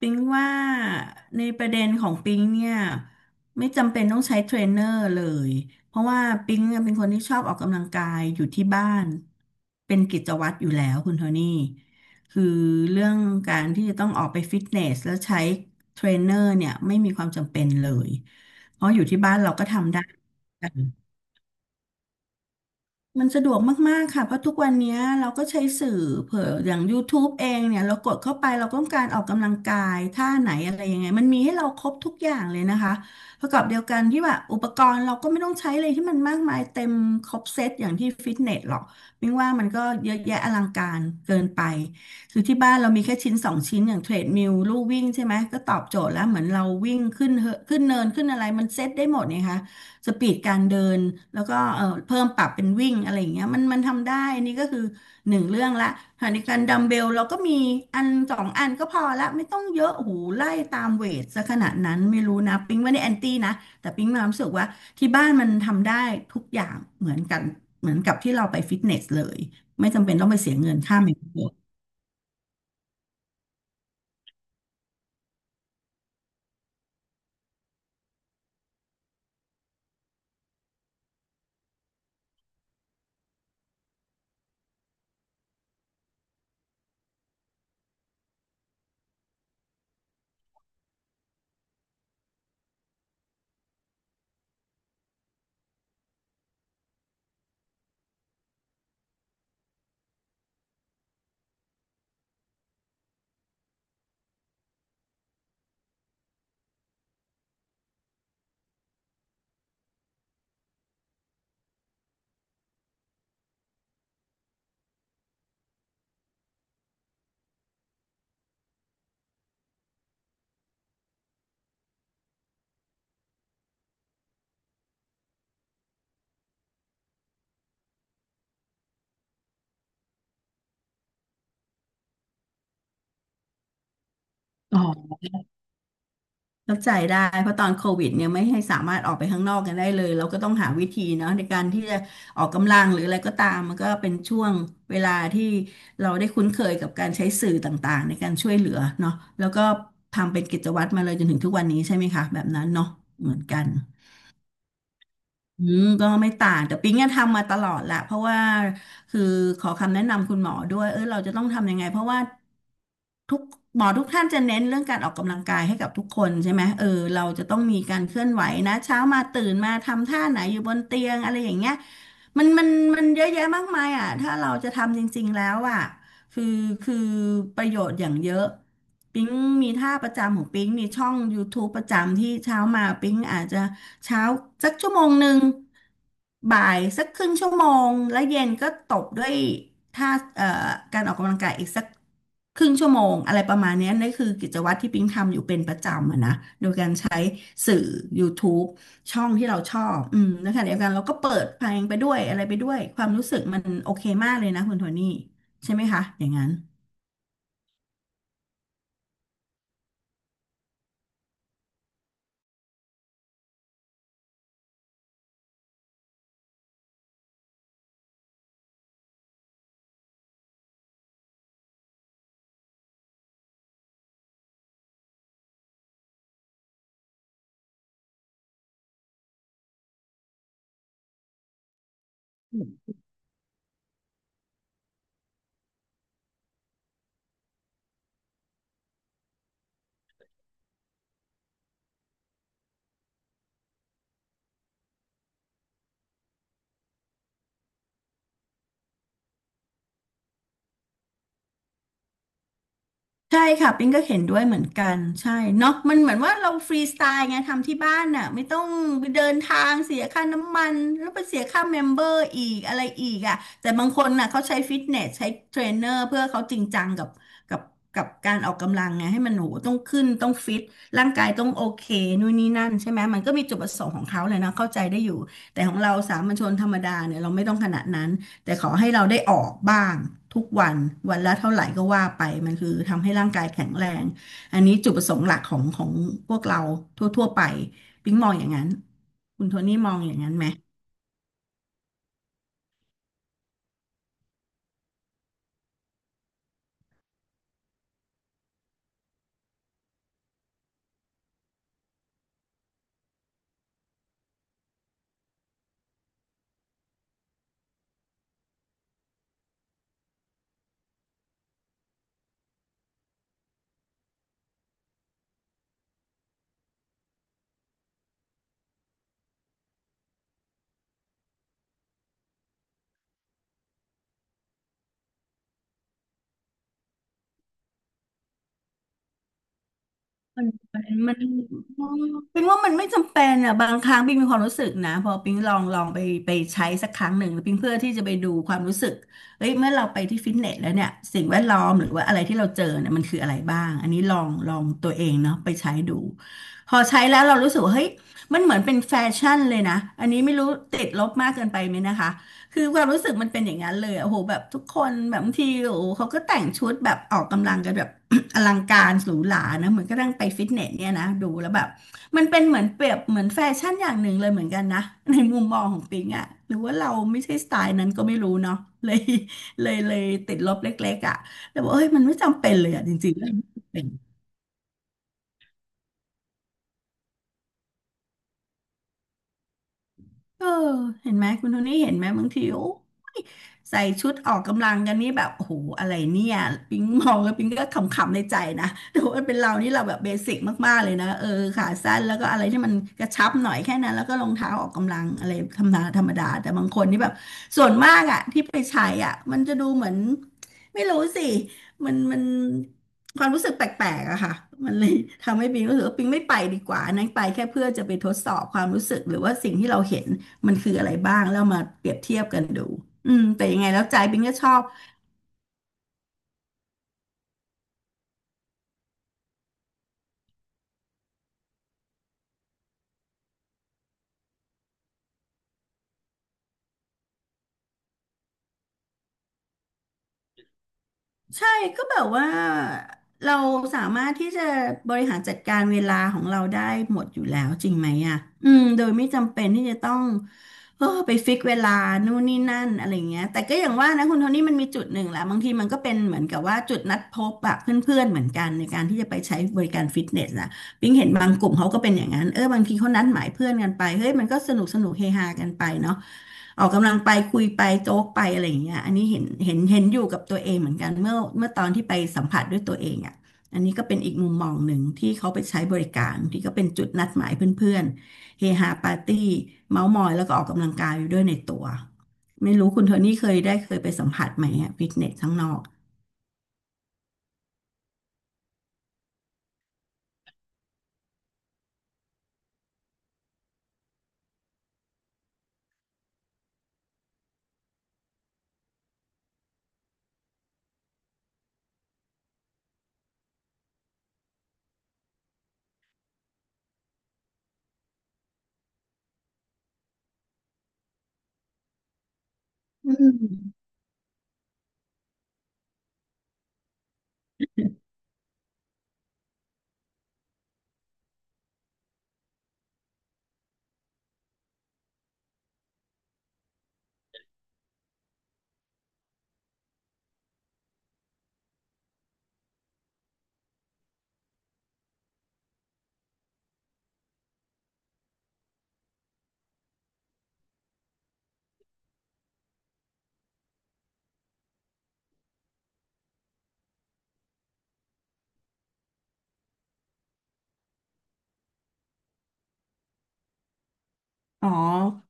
ปิงว่าในประเด็นของปิงเนี่ยไม่จำเป็นต้องใช้เทรนเนอร์เลยเพราะว่าปิงเนี่ยเป็นคนที่ชอบออกกำลังกายอยู่ที่บ้านเป็นกิจวัตรอยู่แล้วคุณโทนี่คือเรื่องการที่จะต้องออกไปฟิตเนสแล้วใช้เทรนเนอร์เนี่ยไม่มีความจำเป็นเลยเพราะอยู่ที่บ้านเราก็ทำได้ มันสะดวกมากๆค่ะเพราะทุกวันเนี้ยเราก็ใช้สื่อเผื่ออย่าง YouTube เองเนี่ยเรากดเข้าไปเราต้องการออกกำลังกายท่าไหนอะไรยังไงมันมีให้เราครบทุกอย่างเลยนะคะประกอบเดียวกันที่ว่าอุปกรณ์เราก็ไม่ต้องใช้เลยที่มันมากมายเต็มครบเซตอย่างที่ฟิตเนสหรอกมิงว่ามันก็เยอะแยะอลังการเกินไปคือที่บ้านเรามีแค่ชิ้นสองชิ้นอย่างเทรดมิลลู่วิ่งใช่ไหมก็ตอบโจทย์แล้วเหมือนเราวิ่งขึ้นเหอะขึ้นเนินขึ้นอะไรมันเซตได้หมดนี่คะ สปีดการเดินแล้วก็เพิ่มปรับเป็นวิ่งอะไรอย่างเงี้ยมันทำได้นี่ก็คือหนึ่งเรื่องละขณะเดียวกันดัมเบลเราก็มีอันสองอันก็พอละไม่ต้องเยอะโอ้โหูไล่ตามเวทซะขนาดนั้นไม่รู้นะปิ๊งไม่ได้แอนตี้นะแต่ปิ๊งมีความรู้สึกว่าที่บ้านมันทำได้ทุกอย่างเหมือนกันเหมือนกับที่เราไปฟิตเนสเลยไม่จำเป็นต้องไปเสียเงินค่าเมมเบอร์อ๋อ เข้าใจได้เพราะตอนโควิดเนี่ยไม่ให้สามารถออกไปข้างนอกกันได้เลยเราก็ต้องหาวิธีเนาะในการที่จะออกกำลังหรืออะไรก็ตามมันก็เป็นช่วงเวลาที่เราได้คุ้นเคยกับการใช้สื่อต่างๆในการช่วยเหลือเนาะแล้วก็ทำเป็นกิจวัตรมาเลยจนถึงทุกวันนี้ใช่ไหมคะแบบนั้นเนาะเหมือนกัน อืมก็ไม่ต่างแต่ปิ๊งอะทำมาตลอดแหละเพราะว่าคือขอคำแนะนำคุณหมอด้วยเออเราจะต้องทำยังไงเพราะว่าทุกหมอทุกท่านจะเน้นเรื่องการออกกำลังกายให้กับทุกคนใช่ไหมเออเราจะต้องมีการเคลื่อนไหวนะเช้ามาตื่นมาทำท่าไหนอยู่บนเตียงอะไรอย่างเงี้ยมันมันเยอะแยะมากมายอ่ะถ้าเราจะทำจริงๆแล้วอ่ะคือคือประโยชน์อย่างเยอะปิ๊งมีท่าประจำของปิ๊งมีช่อง YouTube ประจำที่เช้ามาปิ๊งอาจจะ เช้าสักชั่วโมงหนึ่ง บ่ายสักครึ่งชั่วโมง แล้วเย็นก็ตบด้วยท่าเอ่อการออกกำลังกายอีกสักครึ่งชั่วโมงอะไรประมาณเนี้ยนั่นคือกิจวัตรที่ปิ๊งทำอยู่เป็นประจำอะนะโดยการใช้สื่อ YouTube ช่องที่เราชอบอืมนะคะเดียวกันเราก็เปิดเพลงไปด้วยอะไรไปด้วยความรู้สึกมันโอเคมากเลยนะคุณโทนี่ใช่ไหมคะอย่างนั้น ใช่ค่ะปิ้งก็เห็นด้วยเหมือนกันใช่เนาะมันเหมือนว่าเราฟรีสไตล์ไงทำที่บ้านน่ะไม่ต้องไปเดินทางเสียค่าน้ำมันแล้วไปเสียค่าเมมเบอร์อีกอะไรอีกอ่ะแต่บางคนน่ะเขาใช้ฟิตเนสใช้เทรนเนอร์เพื่อเขาจริงจังกับกับกับการออกกำลังไงให้มันโหต้องขึ้นต้องฟิตร่างกายต้องโอเคนู่นนี่นั่นใช่ไหมมันก็มีจุดประสงค์ของเขาเลยนะเข้าใจได้อยู่แต่ของเราสามัญชนธรรมดาเนี่ยเราไม่ต้องขนาดนั้น แต่ขอให้เราได้ออกบ้างทุกวันวันละเท่าไหร่ก็ว่าไปมันคือทำให้ร่างกายแข็งแรงอันนี้จุดประสงค์หลักของพวกเราทั่วๆไปปิ๊งมองอย่างนั้นคุณโทนี่มองอย่างนั้นไหม มันมันมันเป็นว่ามันไม่จำเป็นอ่ะบางครั้งปิงมีความรู้สึกนะพอปิงลองไปไปใช้สักครั้งหนึ่งปิงเพื่อที่จะไปดูความรู้สึกเฮ้ยเมื่อเราไปที่ฟิตเนสแล้วเนี่ยสิ่งแวดล้อมหรือว่าอะไรที่เราเจอเนี่ยมันคืออะไรบ้างอันนี้ลองลองตัวเองเนาะไปใช้ดูพอใช้แล้วเรารู้สึกว่าเฮ้ยมันเหมือนเป็นแฟชั่นเลยนะอันนี้ไม่รู้ติดลบมากเกินไปไหมนะคะ คือความรู้สึกมันเป็นอย่างนั้นเลยอะโอ้โหแบบทุกคนแบบบางทีโอ้โหเขาก็แต่งชุดแบบออกกำลังกันแบบ อลังการหรูหรานะเหมือนก็ตั้งไปฟิตเนสเนี่ยนะดูแล้วแบบมันเป็นเหมือนเปรียบเหมือนแฟชั่นอย่างหนึ่งเลยเหมือนกันนะ ในมุมมองของปิงอะหรือว่าเราไม่ใช่สไตล์นั้นก็ไม่รู้เนาะ เลยเลยติดลบเล็กๆอะแต่ว่าเอ้ยมันไม่จำเป็นเลยอะจริงๆแล้วมันไม่จำเป็นเออเห็นไหมคุณโทนี่เห็นไหมบางทีโอ้ ใส่ชุดออกกำลังกันนี่แบบโอ้โหอะไรเนี่ยปิงมองแล้วปิงก็ขำๆในใจนะแต่ว่าเป็นเรานี่เราแบบเบสิกมากๆเลยนะเออขาสั้นแล้วก็อะไรที่มันกระชับหน่อยแค่นั้นแล้วก็รองเท้าออกกำลังอะไรธรรมดาธรรมดาแต่บางคนนี่แบบส่วนมากอ่ะที่ไปใช้อ่ะมันจะดูเหมือนไม่รู้สิมันความรู้สึกแปลกๆอะค่ะมันเลยทำให้ปิงรู้สึกว่าปิงไม่ไปดีกว่าอันนั้นไปแค่เพื่อจะไปทดสอบความรู้สึกหรือว่าสิ่งที่เราเห็น มันคืออะไรบ้างแล้วมาเปรียบเทียบกันดูอืมแต่ยังไงแล้วใจบิงก็ชอบใช่ก็แบบว่าเราสามารถที่จะบริหารจัดการเวลาของเราได้หมดอยู่แล้วจริงไหมอ่ะอืมโดยไม่จำเป็นที่จะต้องเออไปฟิกเวลานู่นนี่นั่นอะไรเงี้ยแต่ก็อย่างว่านะคุณโทนี่มันมีจุดหนึ่งแหละบางทีมันก็เป็นเหมือนกับว่าจุดนัดพบอะเพื่อนๆเหมือนกันในการที่จะไปใช้บริการฟิตเนสนะปิงเห็นบางกลุ่มเขาก็เป็นอย่างนั้นเออบางทีเขานัดหมายเพื่อนกันไปเฮ้ยมันก็สนุกเฮฮากันไปเนาะ ออกกำลังไปคุยไปโจ๊กไปอะไรอย่างเงี้ยอันนี้เห็นอยู่กับตัวเองเหมือนกันเมื่อตอนที่ไปสัมผัสด้วยตัวเองอ่ะอันนี้ก็เป็นอีกมุมมองหนึ่งที่เขาไปใช้บริการที่ก็เป็นจุดนัดหมายเพื่อนๆเฮฮาปาร์ตี้เมาท์มอยแล้วก็ออกกำลังกายอยู่ด้วยในตัวไม่รู้คุณโทนี่เคยได้เคยไปสัมผัสไหมอะฟิตเนสข้างนอกอืม อ๋อ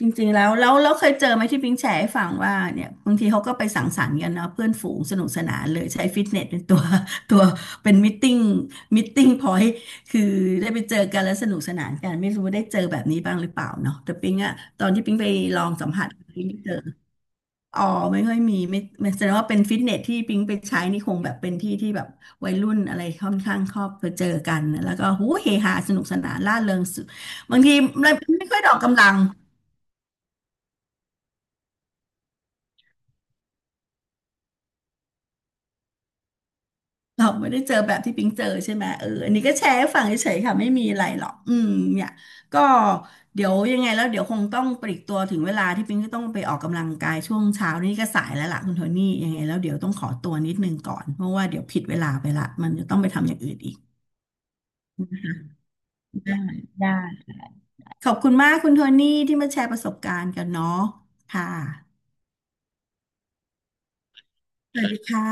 จริงๆแล้วเคยเจอไหมที่ปิงแชร์ให้ฟังว่าเนี่ยบางทีเขาก็ไปสังสรรค์กันเนาะเพื่อนฝูงสนุกสนานเลยใช้ฟิตเนสเป็นตัว ตัวเป็นมิทติ้งพอยต์คือได้ไปเจอกันแล้วสนุกสนานกันไม่รู้ว่าได้เจอแบบนี้บ้างหรือเปล่าเนาะแต่ปิงอะตอนที่ปิงไปลองสัมผัสปิงไม่เจออ๋อไม่ค่อยมีไม่แสดงว่าเป็นฟิตเนสที่ปิงไปใช้นี่คงแบบเป็นที่ที่แบบวัยรุ่นอะไรค่อนข้างชอบไปเจอกันแล้วก็หูเฮฮาสนุกสนานร่าเริงสุดบางทีไมัไม่ค่อยออกกำลัง เราไม่ได้เจอแบบที่ปิงเจอใช่ไหมเอออันนี้ก็แชร์ให้ฟังเฉยๆค่ะไม่มีอะไรหรอกอืมเนี่ยก็เดี๋ยวยังไงแล้วเดี๋ยวคงต้องปลีกตัวถึงเวลาที่ปิงก็ต้องไปออกกำลังกายช่วงเช้านี่ก็สายแล้วล่ะคุณโทนี่ยังไงแล้วเดี๋ยวต้องขอตัวนิดนึงก่อนเพราะว่าเดี๋ยวผิดเวลาไปละมันจะต้องไปทำอย่างอื่นอีกได้ได้ขอบคุณมากคุณโทนี่ที่มาแชร์ประสบการณ์กันเนาะค่ะสวัสดีค่ะ